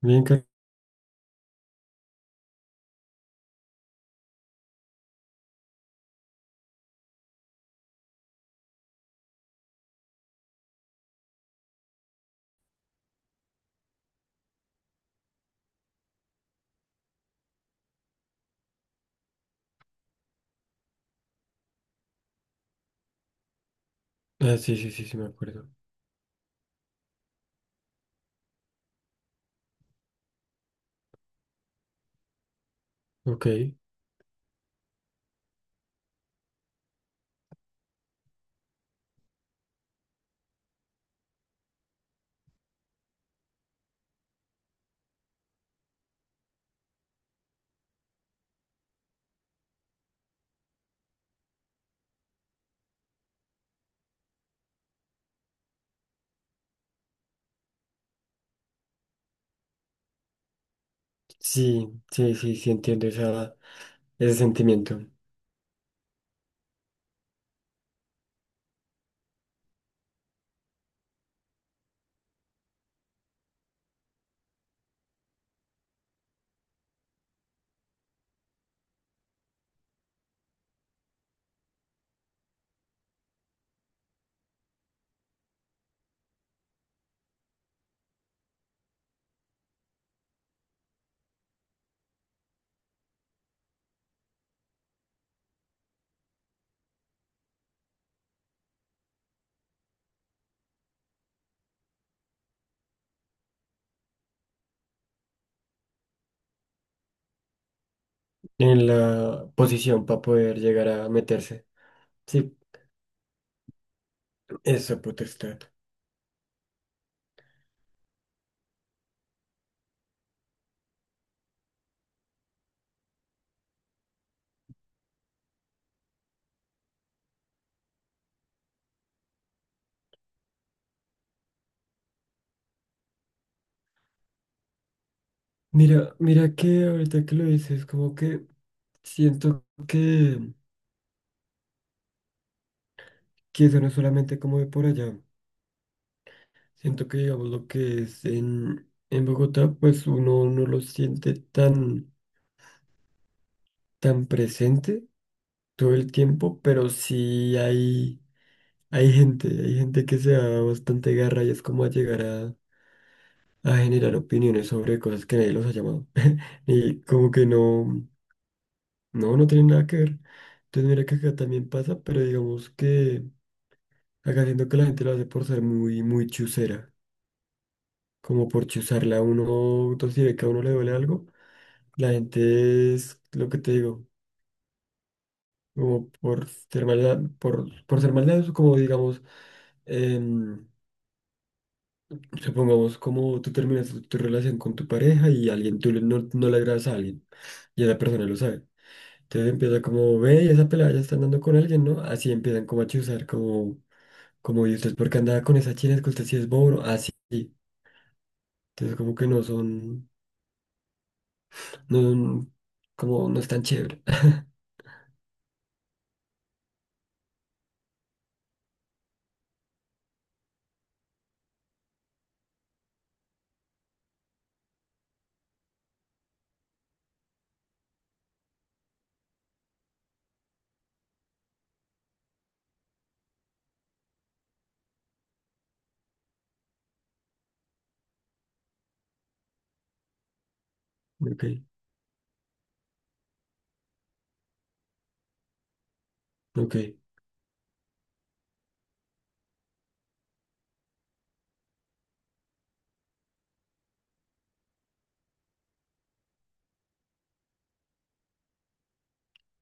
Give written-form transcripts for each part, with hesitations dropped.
Bien, Car- ah, sí, sí, sí, sí, me acuerdo. Ok, sí, sí, sí, sí, entiendo esa, ese sentimiento en la posición para poder llegar a meterse. Sí, esa potestad. Mira, mira que ahorita que lo dices, como que siento que eso no es solamente como de por allá. Siento que, digamos, lo que es en Bogotá, pues uno no lo siente tan, tan presente todo el tiempo, pero sí hay. Hay gente que se da bastante garra y es como a llegar a generar opiniones sobre cosas que nadie los ha llamado. Y como que no, no, no tiene nada que ver. Entonces mira que acá también pasa, pero digamos que acá siento que la gente lo hace por ser muy, muy chusera. Como por chuzarla a uno, entonces si ve que a uno le duele algo, la gente es lo que te digo, como por ser maldad, como digamos, em, supongamos como tú terminas tu, tu relación con tu pareja y alguien, tú le- no, no le agradas a alguien y esa persona lo sabe. Entonces empieza como, ve, esa pelada ya está andando con alguien, ¿no? Así empiezan como a chuzar, como, como, ¿y usted por qué andaba con esa china? Es que usted sí es bobo, así. Entonces como que no son, no son, como, no es tan chévere. Ok, ok.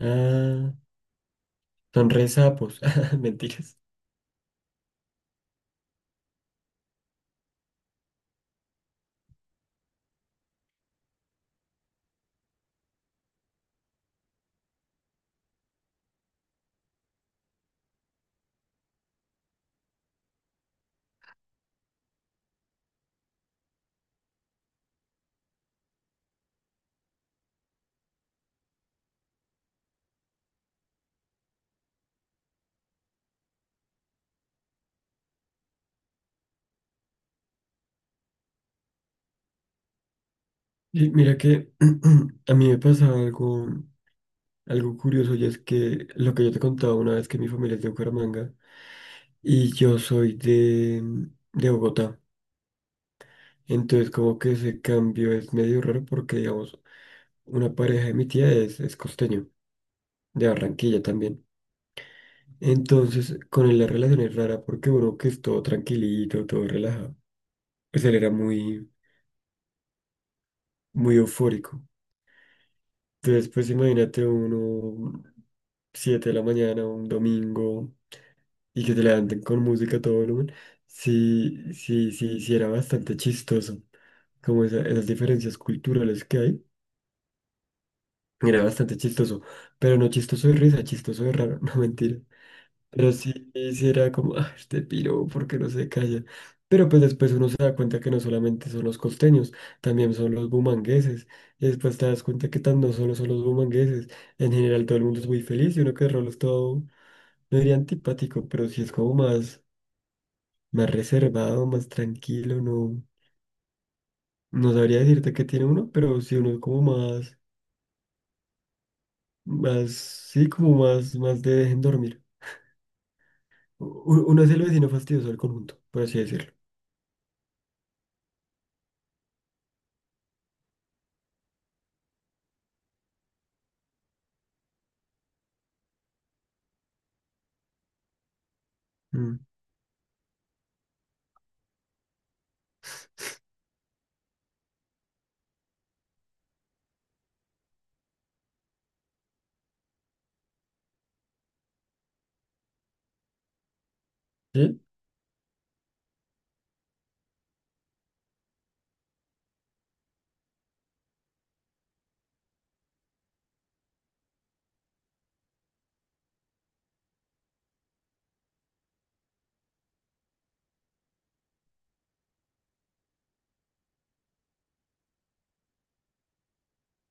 Ah, son re sapos, mentiras. Y mira que a mí me pasaba algo. Algo curioso y es que lo que yo te contaba una vez que mi familia es de Bucaramanga y yo soy de Bogotá. Entonces como que ese cambio es medio raro porque digamos una pareja de mi tía es costeño, de Barranquilla también. Entonces con él la relación es rara porque uno que es todo tranquilito, todo relajado, pues él era muy, muy eufórico. Entonces pues imagínate uno 7 de la mañana, un domingo. Y que te levanten con música a todo volumen, sí, sí, sí, sí era bastante chistoso, como esa- esas diferencias culturales que hay, era bastante chistoso, pero no chistoso de risa, chistoso de raro, no mentira, pero sí, sí era como, ah, este piro, ¿por qué no se calla? Pero pues después uno se da cuenta que no solamente son los costeños, también son los bumangueses, y después te das cuenta que tan no solo son los bumangueses, en general todo el mundo es muy feliz y uno que de rolo es todo, no diría antipático, pero sí es como más, más reservado, más tranquilo, no, no sabría decirte que tiene uno, pero sí uno es como más, más, sí, como más, más de dejen dormir. U- Uno es el vecino fastidioso del conjunto, por así decirlo. Mm, ¿sí?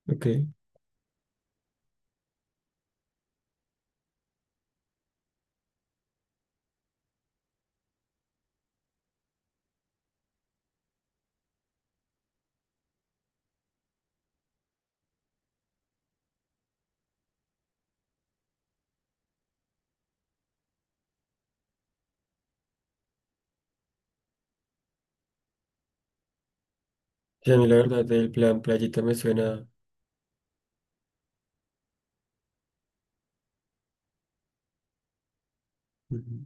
Ok. Sí, a mí la verdad el plan playita me suena. Ujú.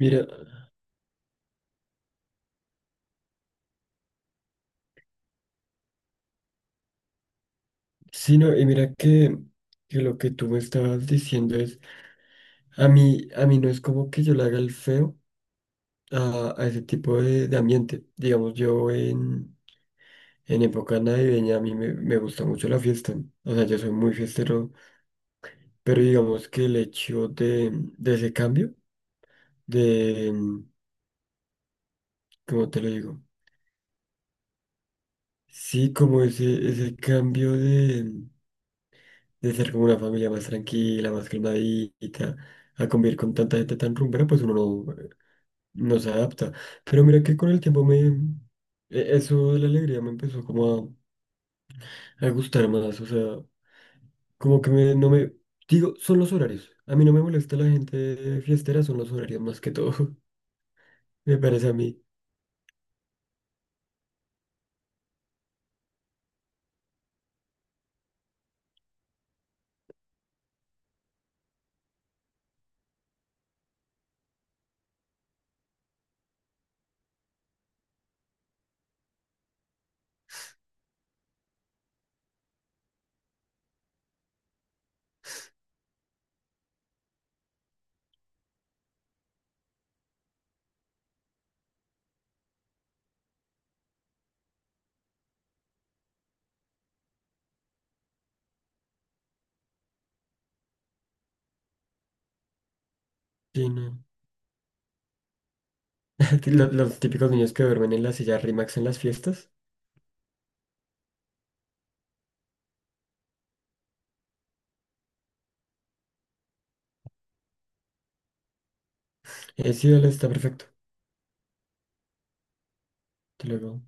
Mira, sí, no, y mira que lo que tú me estabas diciendo es, a mí no es como que yo le haga el feo a ese tipo de ambiente. Digamos, yo en época navideña a mí me, me gusta mucho la fiesta. O sea, yo soy muy fiestero, pero digamos que el hecho de ese cambio, de, ¿cómo te lo digo? Sí, como ese cambio de ser como una familia más tranquila, más calmadita, a convivir con tanta gente tan rumbera, pues uno no, no se adapta. Pero mira que con el tiempo me, e- eso de la alegría me empezó como a gustar más, o sea, como que me- no me, digo, son los horarios. A mí no me molesta la gente fiestera, son los horarios más que todo. Me parece a mí. Sí, no. Lo- Los, típicos niños que duermen en la silla RIMAX en las fiestas. Sí, dale, está perfecto. Te lo digo.